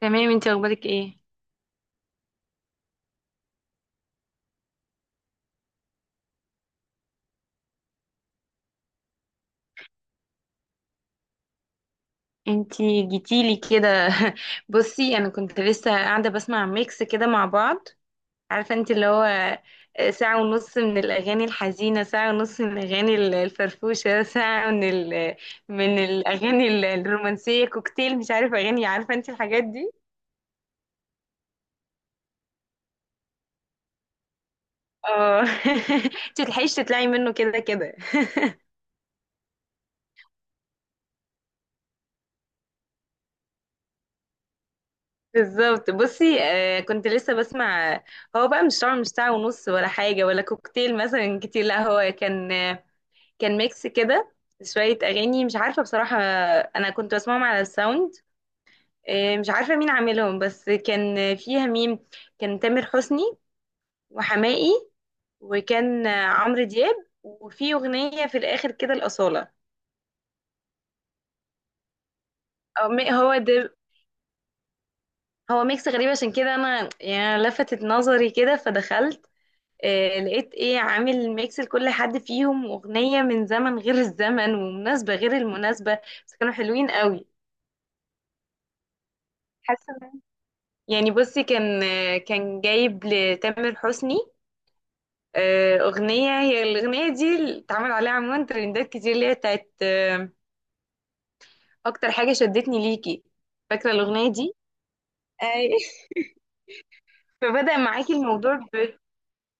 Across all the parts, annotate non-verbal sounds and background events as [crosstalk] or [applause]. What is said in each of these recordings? تمام، انتي اخبارك ايه؟ انتي جيتيلي كده. [laughs] بصي، انا كنت لسه قاعده بسمع ميكس كده مع بعض. عارفه انت اللي هو، ساعه ونص من الاغاني الحزينه، ساعه ونص من الاغاني الفرفوشه. [laughs] ساعه من الاغاني الرومانسيه، كوكتيل، مش عارفه اغاني، عارفه انت الحاجات دي. اه. [laughs] انت تلحقيش تطلعي منه كده كده. [laughs] بالظبط، بصي، كنت لسه بسمع. هو بقى مش طبعا، مش ساعة ونص ولا حاجة ولا كوكتيل مثلا كتير، لا هو كان ميكس كده. شوية أغاني، مش عارفة بصراحة. أنا كنت بسمعهم على الساوند. مش عارفة مين عاملهم، بس كان فيها مين، كان تامر حسني وحماقي، وكان عمرو دياب، وفي أغنية في الآخر كده الأصالة. أو هو ده. هو ميكس غريب عشان كده، أنا يعني لفتت نظري كده فدخلت. لقيت إيه، عامل ميكس لكل حد فيهم أغنية من زمن غير الزمن ومناسبة غير المناسبة. بس كانوا حلوين قوي. حاسة يعني، بصي، كان جايب لتامر حسني. أغنية، هي الأغنية دي اللي اتعمل عليها عموما ترندات كتير، اللي هي بتاعت أكتر حاجة شدتني ليكي. فاكرة الأغنية دي؟ أي. [laughs] فبدأ معاكي الموضوع.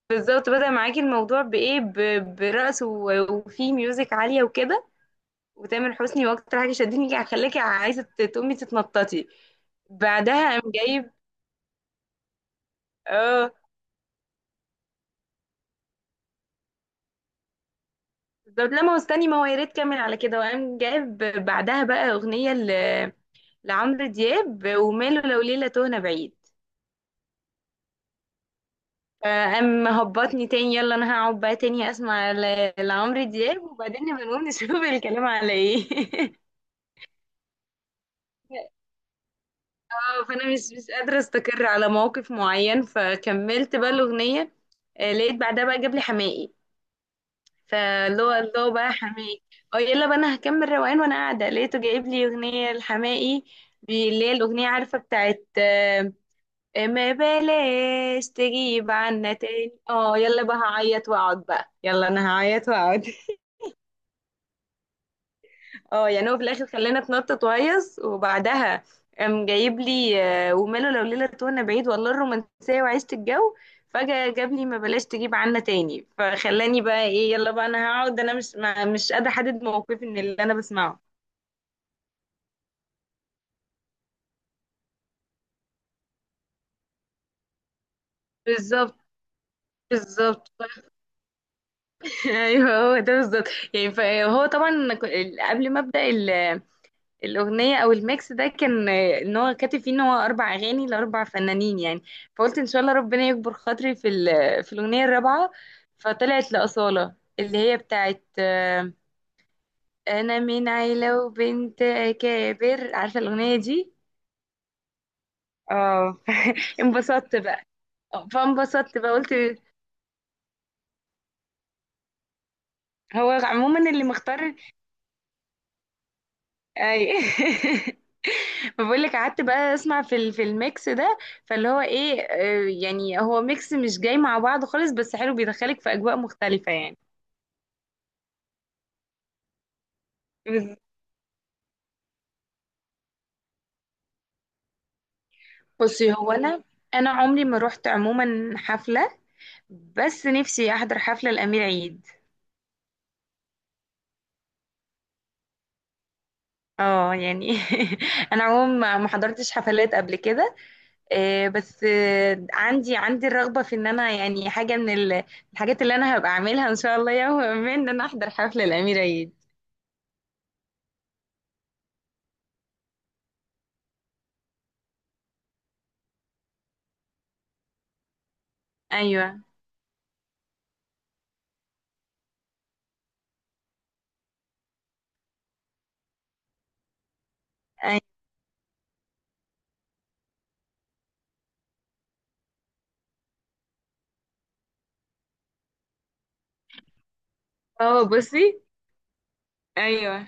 بالظبط، بدأ معاكي الموضوع بإيه. برقص وفي ميوزك عالية وكده، وتامر حسني، وأكتر حاجة شدتني ليكي خلاكي عايزة تقومي تتنططي. بعدها قام جايب. اه، بالظبط. لا ما هو استني، ما هو يا ريت كمل على كده، وقام جايب بعدها بقى اغنيه لعمرو دياب، وماله لو ليله تهنا بعيد. فقام مهبطني تاني. يلا انا هقعد بقى تاني اسمع لعمرو دياب، وبعدين نبقى نقوم نشوف الكلام على ايه. [laughs] اه، فانا مش قادره استقر على موقف معين، فكملت بقى الاغنيه. لقيت بعدها بقى جاب لي حماقي. فاللي هو الله بقى، حماقي. اه، يلا بقى انا هكمل روقان، وانا قاعده لقيته جايب لي اغنيه لحماقي. اللي هي الاغنيه عارفه بتاعت ما بلاش تجيب عنا تاني. اه، يلا بقى هعيط واقعد بقى، يلا انا هعيط واقعد. اه، يعني هو في الاخر خلاني اتنطط وهيص، وبعدها قام جايب لي وماله لو ليلة وانا بعيد. والله الرومانسية وعشت الجو. فجأة جاب لي ما بلاش تجيب عنا تاني، فخلاني بقى ايه، يلا بقى انا هقعد، انا مش قادرة احدد موقفي من اللي انا بسمعه. بالظبط، بالظبط. [laughs] ايوه، هو ده بالظبط. يعني فهو طبعا، قبل ما ابدا الأغنية أو الميكس ده، كان إن هو كاتب فيه إن هو أربع أغاني لأربع فنانين يعني. فقلت إن شاء الله ربنا يكبر خاطري في الأغنية الرابعة. فطلعت لأصالة، اللي هي بتاعت أنا من عيلة وبنت أكابر. عارفة الأغنية دي؟ اه. [laughs] انبسطت بقى. فانبسطت بقى، قلت هو عموما اللي مختار. أي. [laughs] فبقول لك، قعدت بقى اسمع في الميكس ده. فاللي هو ايه، يعني هو ميكس مش جاي مع بعض خالص، بس حلو بيدخلك في اجواء مختلفة يعني. بز- بصي، هو انا عمري ما رحت عموما حفلة. بس نفسي احضر حفلة الامير عيد. اه يعني. [laughs] انا عموما ما حضرتش حفلات قبل كده. بس عندي الرغبة في ان انا يعني حاجة من الحاجات اللي انا هبقى اعملها ان شاء الله، يوم ما ان انا احضر حفلة الامير عيد. ايوه، اه، بصي. ايوه،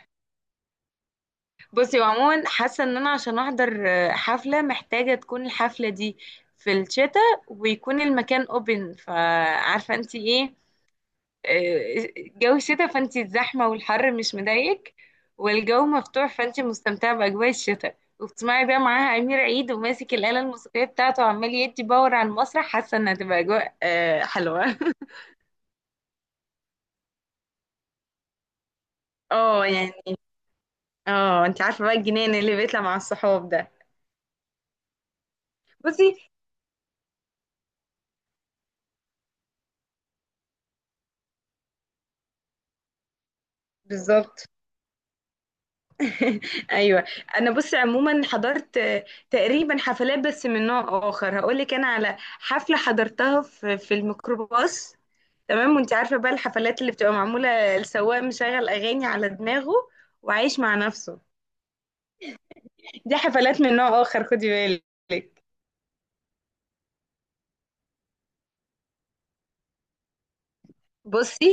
بصي، وعموما حاسه ان انا عشان احضر حفله، محتاجه تكون الحفله دي في الشتاء ويكون المكان اوبن، فعارفه انت ايه. جو الشتاء، فانت الزحمه والحر مش مضايقك، والجو مفتوح، فانت مستمتعه باجواء الشتاء، وبتسمعي بقى معاها امير عيد، وماسك الاله الموسيقيه بتاعته وعمال يدي باور على المسرح. حاسه انها هتبقى اجواء حلوه. [laughs] اه يعني. اه، انت عارفه بقى الجنان اللي بيطلع مع الصحاب ده. بصي، بالظبط. [laughs] ايوه. انا بص، عموما حضرت تقريبا حفلات بس من نوع اخر. هقول لك انا على حفله حضرتها في الميكروباص. تمام، وانت عارفه بقى الحفلات اللي بتبقى معموله السواق مشغل اغاني على دماغه وعايش مع نفسه. دي حفلات من نوع اخر، خدي بالك. بصي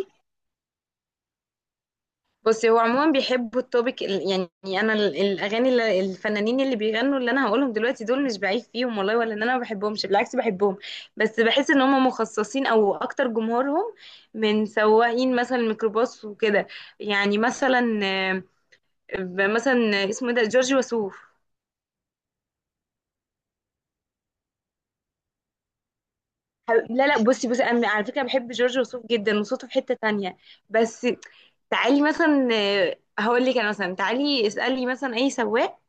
بصي هو عموما بيحبوا التوبيك، يعني انا الاغاني اللي الفنانين اللي بيغنوا اللي انا هقولهم دلوقتي دول مش بعيب فيهم والله، ولا ان انا ما بحبهمش، بالعكس بحبهم. بس بحس ان هم مخصصين او اكتر جمهورهم من سواقين مثلا الميكروباص وكده. يعني مثلا، اسمه إيه ده، جورج وسوف. لا، لا. بصي، انا على فكره بحب جورج وسوف جدا وصوته في حته تانية، بس تعالي مثلا، هقول لك انا مثلا، تعالي اسالي مثلا اي سواق،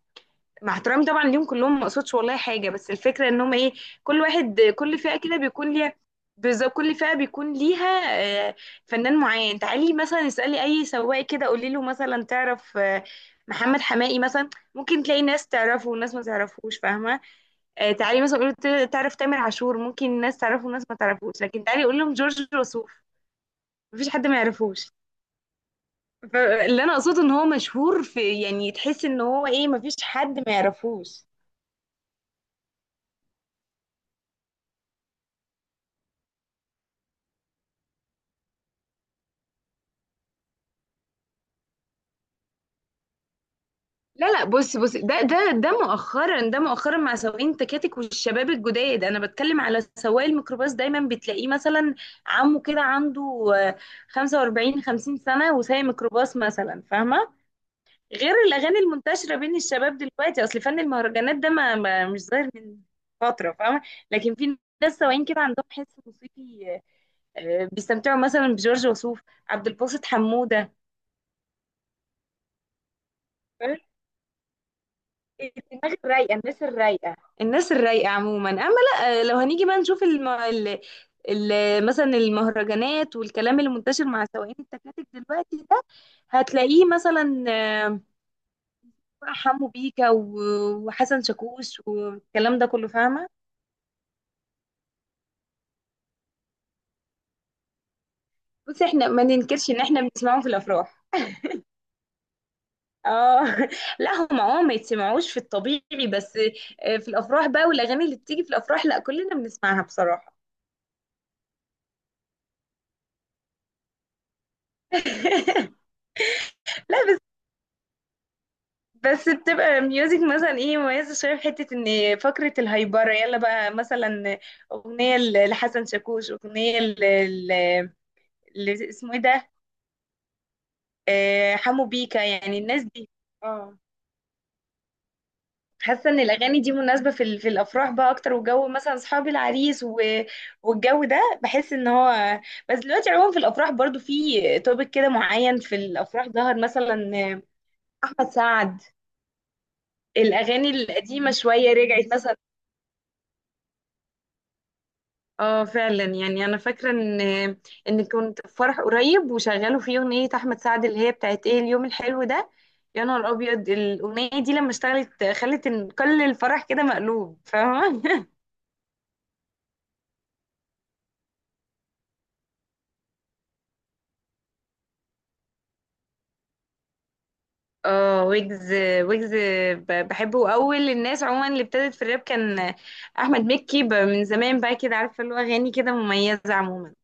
مع احترامي طبعا ليهم كلهم، ما اقصدش والله حاجه، بس الفكره ان هم ايه، كل واحد كل فئه كده بيكون ليها. بالظبط، كل فئه بيكون ليها آه، فنان معين. تعالي مثلا اسالي اي سواق كده قولي له مثلا تعرف محمد حماقي مثلا، ممكن تلاقي ناس تعرفه وناس ما تعرفوش، فاهمه. تعالي مثلا قولي له تعرف تامر عاشور، ممكن ناس تعرفه وناس ما تعرفوش، لكن تعالي قول لهم جورج وسوف، مفيش حد ما يعرفوش. فاللي انا اقصده ان هو مشهور في، يعني تحس ان هو ايه، مفيش حد ما يعرفوش. لا، لا. بص، ده مؤخرا، ده مؤخرا مع سواقين التكاتك والشباب الجداد. انا بتكلم على سواق الميكروباص، دايما بتلاقيه مثلا عمه كده عنده آه، 45 50 سنة وسايق ميكروباص مثلا، فاهمة. غير الاغاني المنتشرة بين الشباب دلوقتي، اصل فن المهرجانات ده ما, ما مش ظاهر من فترة، فاهمة. لكن في ناس سواقين كده عندهم حس موسيقي، بيستمتعوا مثلا بجورج وسوف، عبد الباسط حمودة، الدماغ الرايقه، الناس الرايقه، الناس الرايقة عموما. اما لا، لو هنيجي بقى نشوف مثلا المهرجانات والكلام اللي منتشر مع سواقين التكاتك دلوقتي ده، هتلاقيه مثلا، حمو بيكا وحسن شاكوش والكلام ده كله، فاهمة. بس احنا ما ننكرش ان احنا بنسمعهم في الافراح. اه. [laughs] لا، هم ما يتسمعوش في الطبيعي، بس في الافراح بقى، والاغاني اللي بتيجي في الافراح، لا كلنا بنسمعها بصراحة. [laughs] بس بتبقى ميوزك مثلا ايه، مميزة شوية، في حتة ان فقرة الهايبرة، يلا بقى مثلا اغنية لحسن شاكوش، اغنية ل- اسمه ايه ده، حمو بيكا يعني، الناس دي. اه، حاسة ان الاغاني دي مناسبة في الافراح بقى اكتر، وجو مثلا اصحاب العريس والجو ده، بحس ان هو، بس دلوقتي عموما في الافراح برضو في توبك كده معين، في الافراح ظهر مثلا احمد سعد، الاغاني القديمة شوية رجعت مثلا. اه، فعلا يعني، انا فاكره ان كنت في فرح قريب وشغلوا فيه اغنيه احمد سعد اللي هي بتاعت ايه، اليوم الحلو ده، يا نهار ابيض. الاغنيه دي لما اشتغلت خلت إن كل الفرح كده مقلوب، فاهمه. [laughs] اه، ويجز، ويجز. بحبه. اول الناس عموما اللي ابتدت في الراب كان احمد مكي، من زمان بقى كده، عارفه اللي هو اغاني كده مميزه عموما.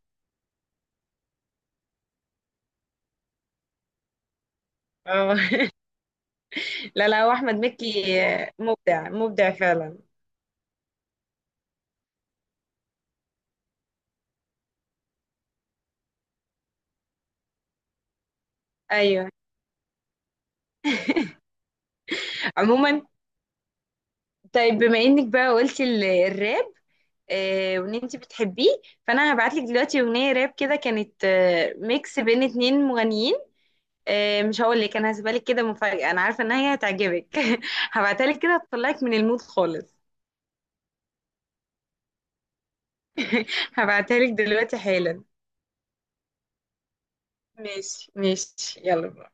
اه. [laughs] لا، لا، هو احمد مكي مبدع، مبدع فعلا. ايوه عموما. طيب، بما انك بقى قلتي الراب، وان انت بتحبيه، فانا هبعتلك دلوقتي اغنيه راب كده، كانت ميكس بين اتنين مغنيين. مش هقول لك انا، هسيبها لك كده مفاجاه، انا عارفه ان هي هتعجبك. [laughs] هبعتها لك كده، هتطلعك من المود خالص. [laughs] هبعتها لك دلوقتي حالا. ماشي، ماشي، يلا.